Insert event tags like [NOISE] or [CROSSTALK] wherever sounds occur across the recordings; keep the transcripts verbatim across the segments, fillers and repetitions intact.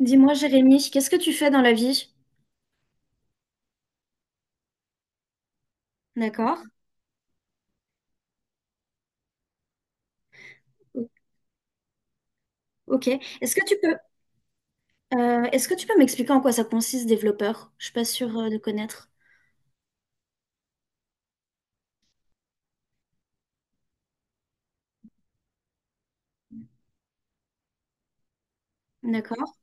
Dis-moi, Jérémy, qu'est-ce que tu fais dans la vie? D'accord. O- Ok. Est-ce que tu peux, euh, est-ce que tu peux m'expliquer en quoi ça consiste, développeur? Je suis pas sûre euh, de connaître. D'accord.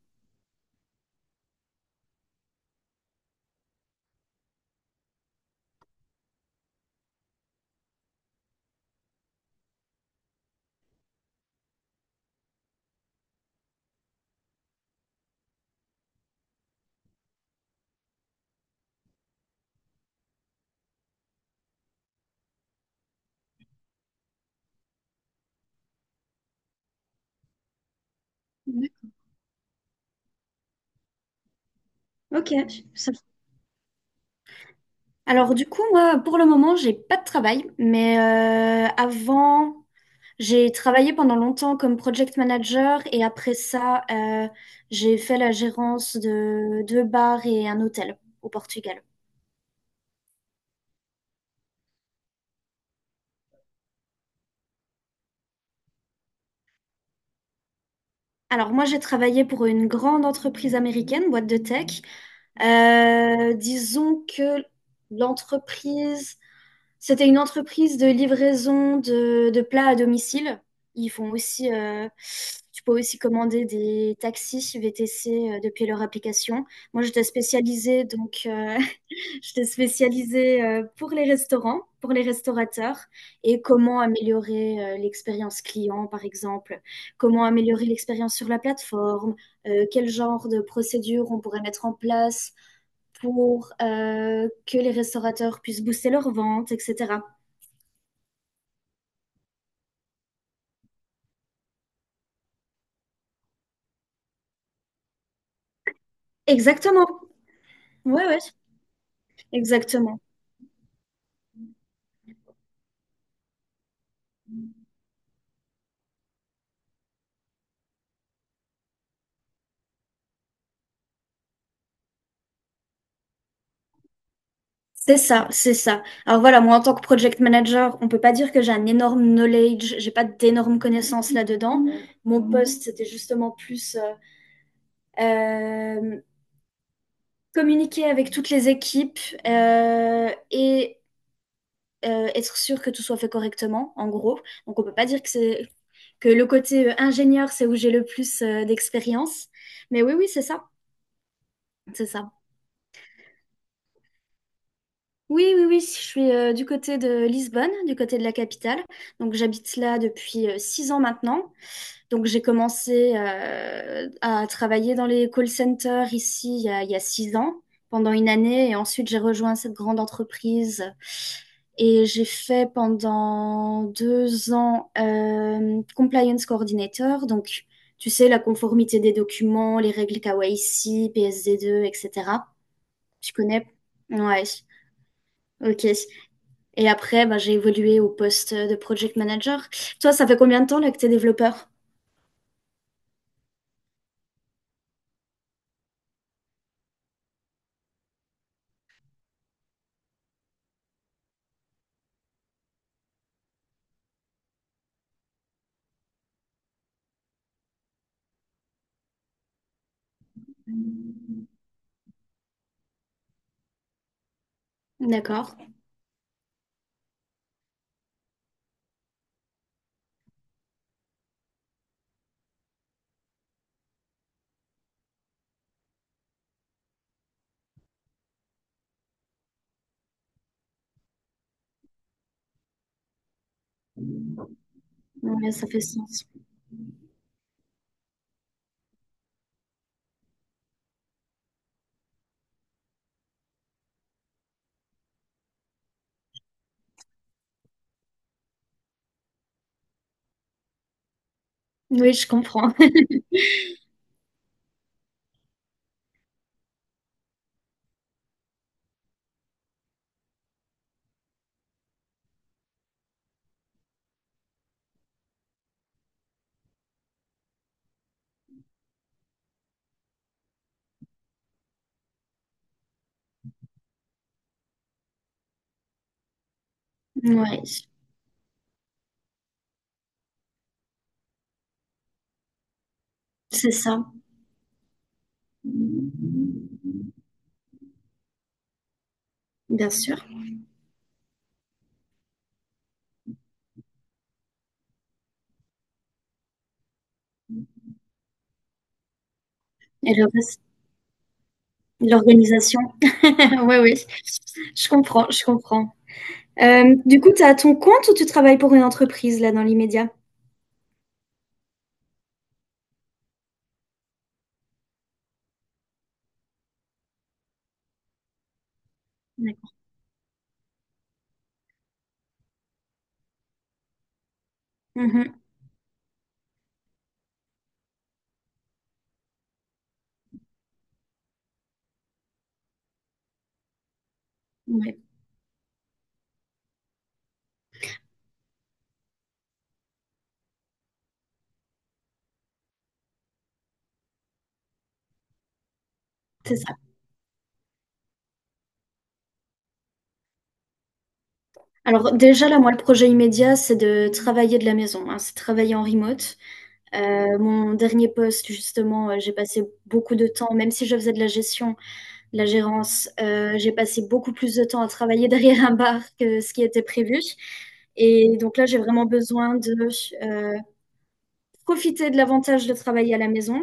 Mhm. Ok. Ça- Alors du coup, moi, pour le moment, j'ai pas de travail, mais euh, avant, j'ai travaillé pendant longtemps comme project manager et après ça, euh, j'ai fait la gérance de deux bars et un hôtel au Portugal. Alors moi, j'ai travaillé pour une grande entreprise américaine, boîte de tech. Euh, disons que l'entreprise, c'était une entreprise de livraison de, de plats à domicile. Ils font aussi, euh, tu peux aussi commander des taxis V T C euh, depuis leur application. Moi, j'étais spécialisée donc euh, J'étais spécialisée euh, pour les restaurants, pour les restaurateurs et comment améliorer euh, l'expérience client, par exemple, comment améliorer l'expérience sur la plateforme, euh, quel genre de procédures on pourrait mettre en place pour euh, que les restaurateurs puissent booster leurs ventes, et cetera. Exactement. Ouais, ouais, exactement. C'est ça, c'est ça. Alors voilà, moi en tant que project manager, on peut pas dire que j'ai un énorme knowledge, j'ai pas d'énormes connaissances là-dedans. Mon poste, c'était justement plus euh, Euh, communiquer avec toutes les équipes euh, et euh, être sûr que tout soit fait correctement, en gros. Donc, on peut pas dire que c'est que le côté euh, ingénieur, c'est où j'ai le plus euh, d'expérience. Mais oui, oui, c'est ça, c'est ça. Oui, oui, oui, je suis euh, du côté de Lisbonne, du côté de la capitale. Donc, j'habite là depuis euh, six ans maintenant. Donc j'ai commencé euh, à travailler dans les call centers ici il y a, il y a six ans, pendant une année, et ensuite j'ai rejoint cette grande entreprise. Et j'ai fait pendant deux ans euh, compliance coordinator, donc tu sais, la conformité des documents, les règles K Y C, P S D deux, et cetera. Tu connais? Ouais, ok. Et après, bah, j'ai évolué au poste de project manager. Toi, ça fait combien de temps là que t'es développeur? D'accord. Ouais, ça fait sens. Oui, je comprends. [LAUGHS] Ouais, c'est ça. Bien sûr. Et le reste, l'organisation. [LAUGHS] Oui, oui. Je comprends, je comprends. Euh, du coup, tu as ton compte ou tu travailles pour une entreprise là dans l'immédiat? D'accord. Mhm. Ouais, c'est ça. Alors déjà, là, moi, le projet immédiat, c'est de travailler de la maison, hein, c'est travailler en remote. Euh, mon dernier poste, justement, euh, j'ai passé beaucoup de temps, même si je faisais de la gestion, la gérance. Euh, j'ai passé beaucoup plus de temps à travailler [LAUGHS] derrière un bar que ce qui était prévu. Et donc là, j'ai vraiment besoin de euh, profiter de l'avantage de travailler à la maison.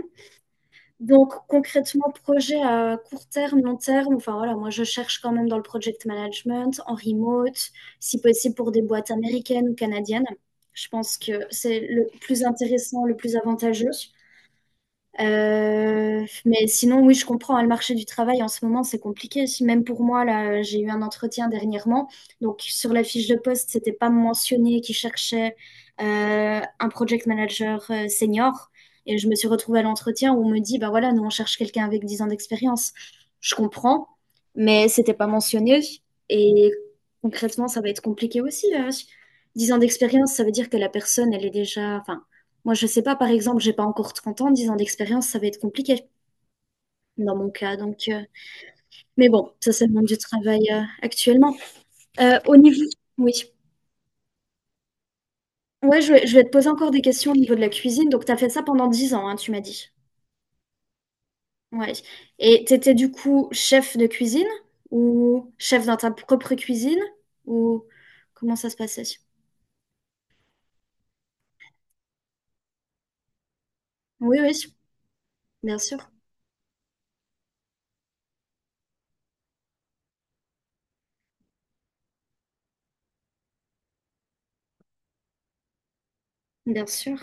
Donc concrètement, projet à court terme, long terme, enfin voilà, moi je cherche quand même dans le project management, en remote, si possible pour des boîtes américaines ou canadiennes. Je pense que c'est le plus intéressant, le plus avantageux. Euh, mais sinon, oui, je comprends, hein. Le marché du travail en ce moment, c'est compliqué. Même pour moi, là, j'ai eu un entretien dernièrement. Donc, sur la fiche de poste, c'était pas mentionné qu'ils cherchaient euh, un project manager euh, senior. Et je me suis retrouvée à l'entretien où on me dit, bah voilà, nous on cherche quelqu'un avec dix ans d'expérience. Je comprends, mais c'était pas mentionné. Et concrètement, ça va être compliqué aussi. euh. dix ans d'expérience, ça veut dire que la personne, elle est déjà, enfin, moi, je sais pas, par exemple, j'ai pas encore trente ans, dix ans d'expérience, ça va être compliqué dans mon cas. Donc, euh, mais bon, ça, c'est le monde du travail euh, actuellement. Euh, au niveau... Oui. Ouais, je vais, je vais te poser encore des questions au niveau de la cuisine. Donc, tu as fait ça pendant dix ans, hein, tu m'as dit. Ouais. Et tu étais du coup chef de cuisine ou chef dans ta propre cuisine ou comment ça se passait? Oui, oui, bien sûr. Bien sûr.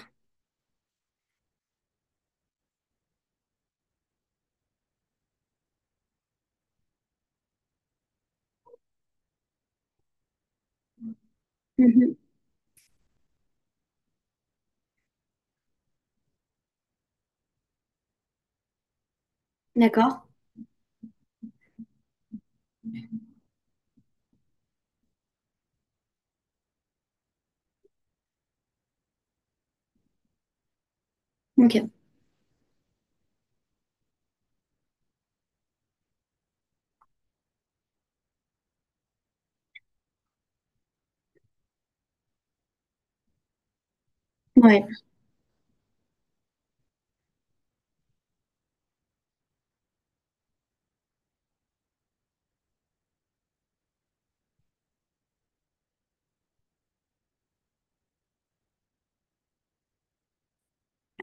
Mhm. D'accord. Ok. Ouais.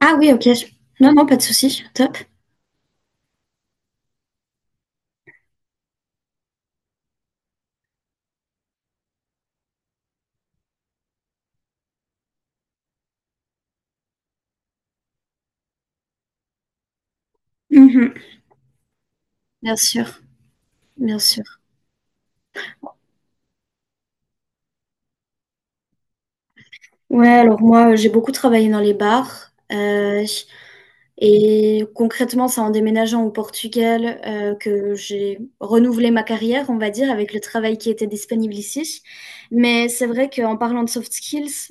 Ah oui, ok. Non, non, pas de souci. Top. Mhm. Bien sûr. Bien sûr. Ouais, alors moi, euh, j'ai beaucoup travaillé dans les bars. euh, et concrètement, c'est en déménageant au Portugal euh, que j'ai renouvelé ma carrière, on va dire, avec le travail qui était disponible ici. Mais c'est vrai qu'en parlant de soft skills,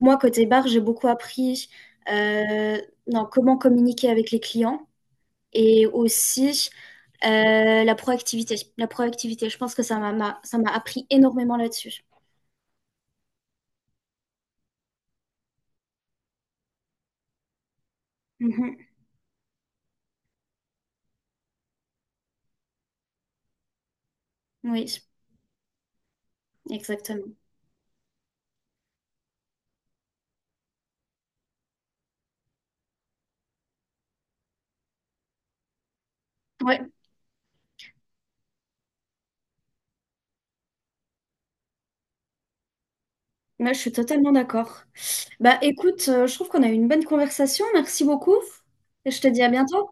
moi, côté bar, j'ai beaucoup appris euh, dans comment communiquer avec les clients et aussi euh, la proactivité. La proactivité, je pense que ça m'a, m'a- ça m'a appris énormément là-dessus. Mhm. Oui, exactement. Ouais. Moi, je suis totalement d'accord. Bah écoute, euh, je trouve qu'on a eu une bonne conversation. Merci beaucoup. Et je te dis à bientôt.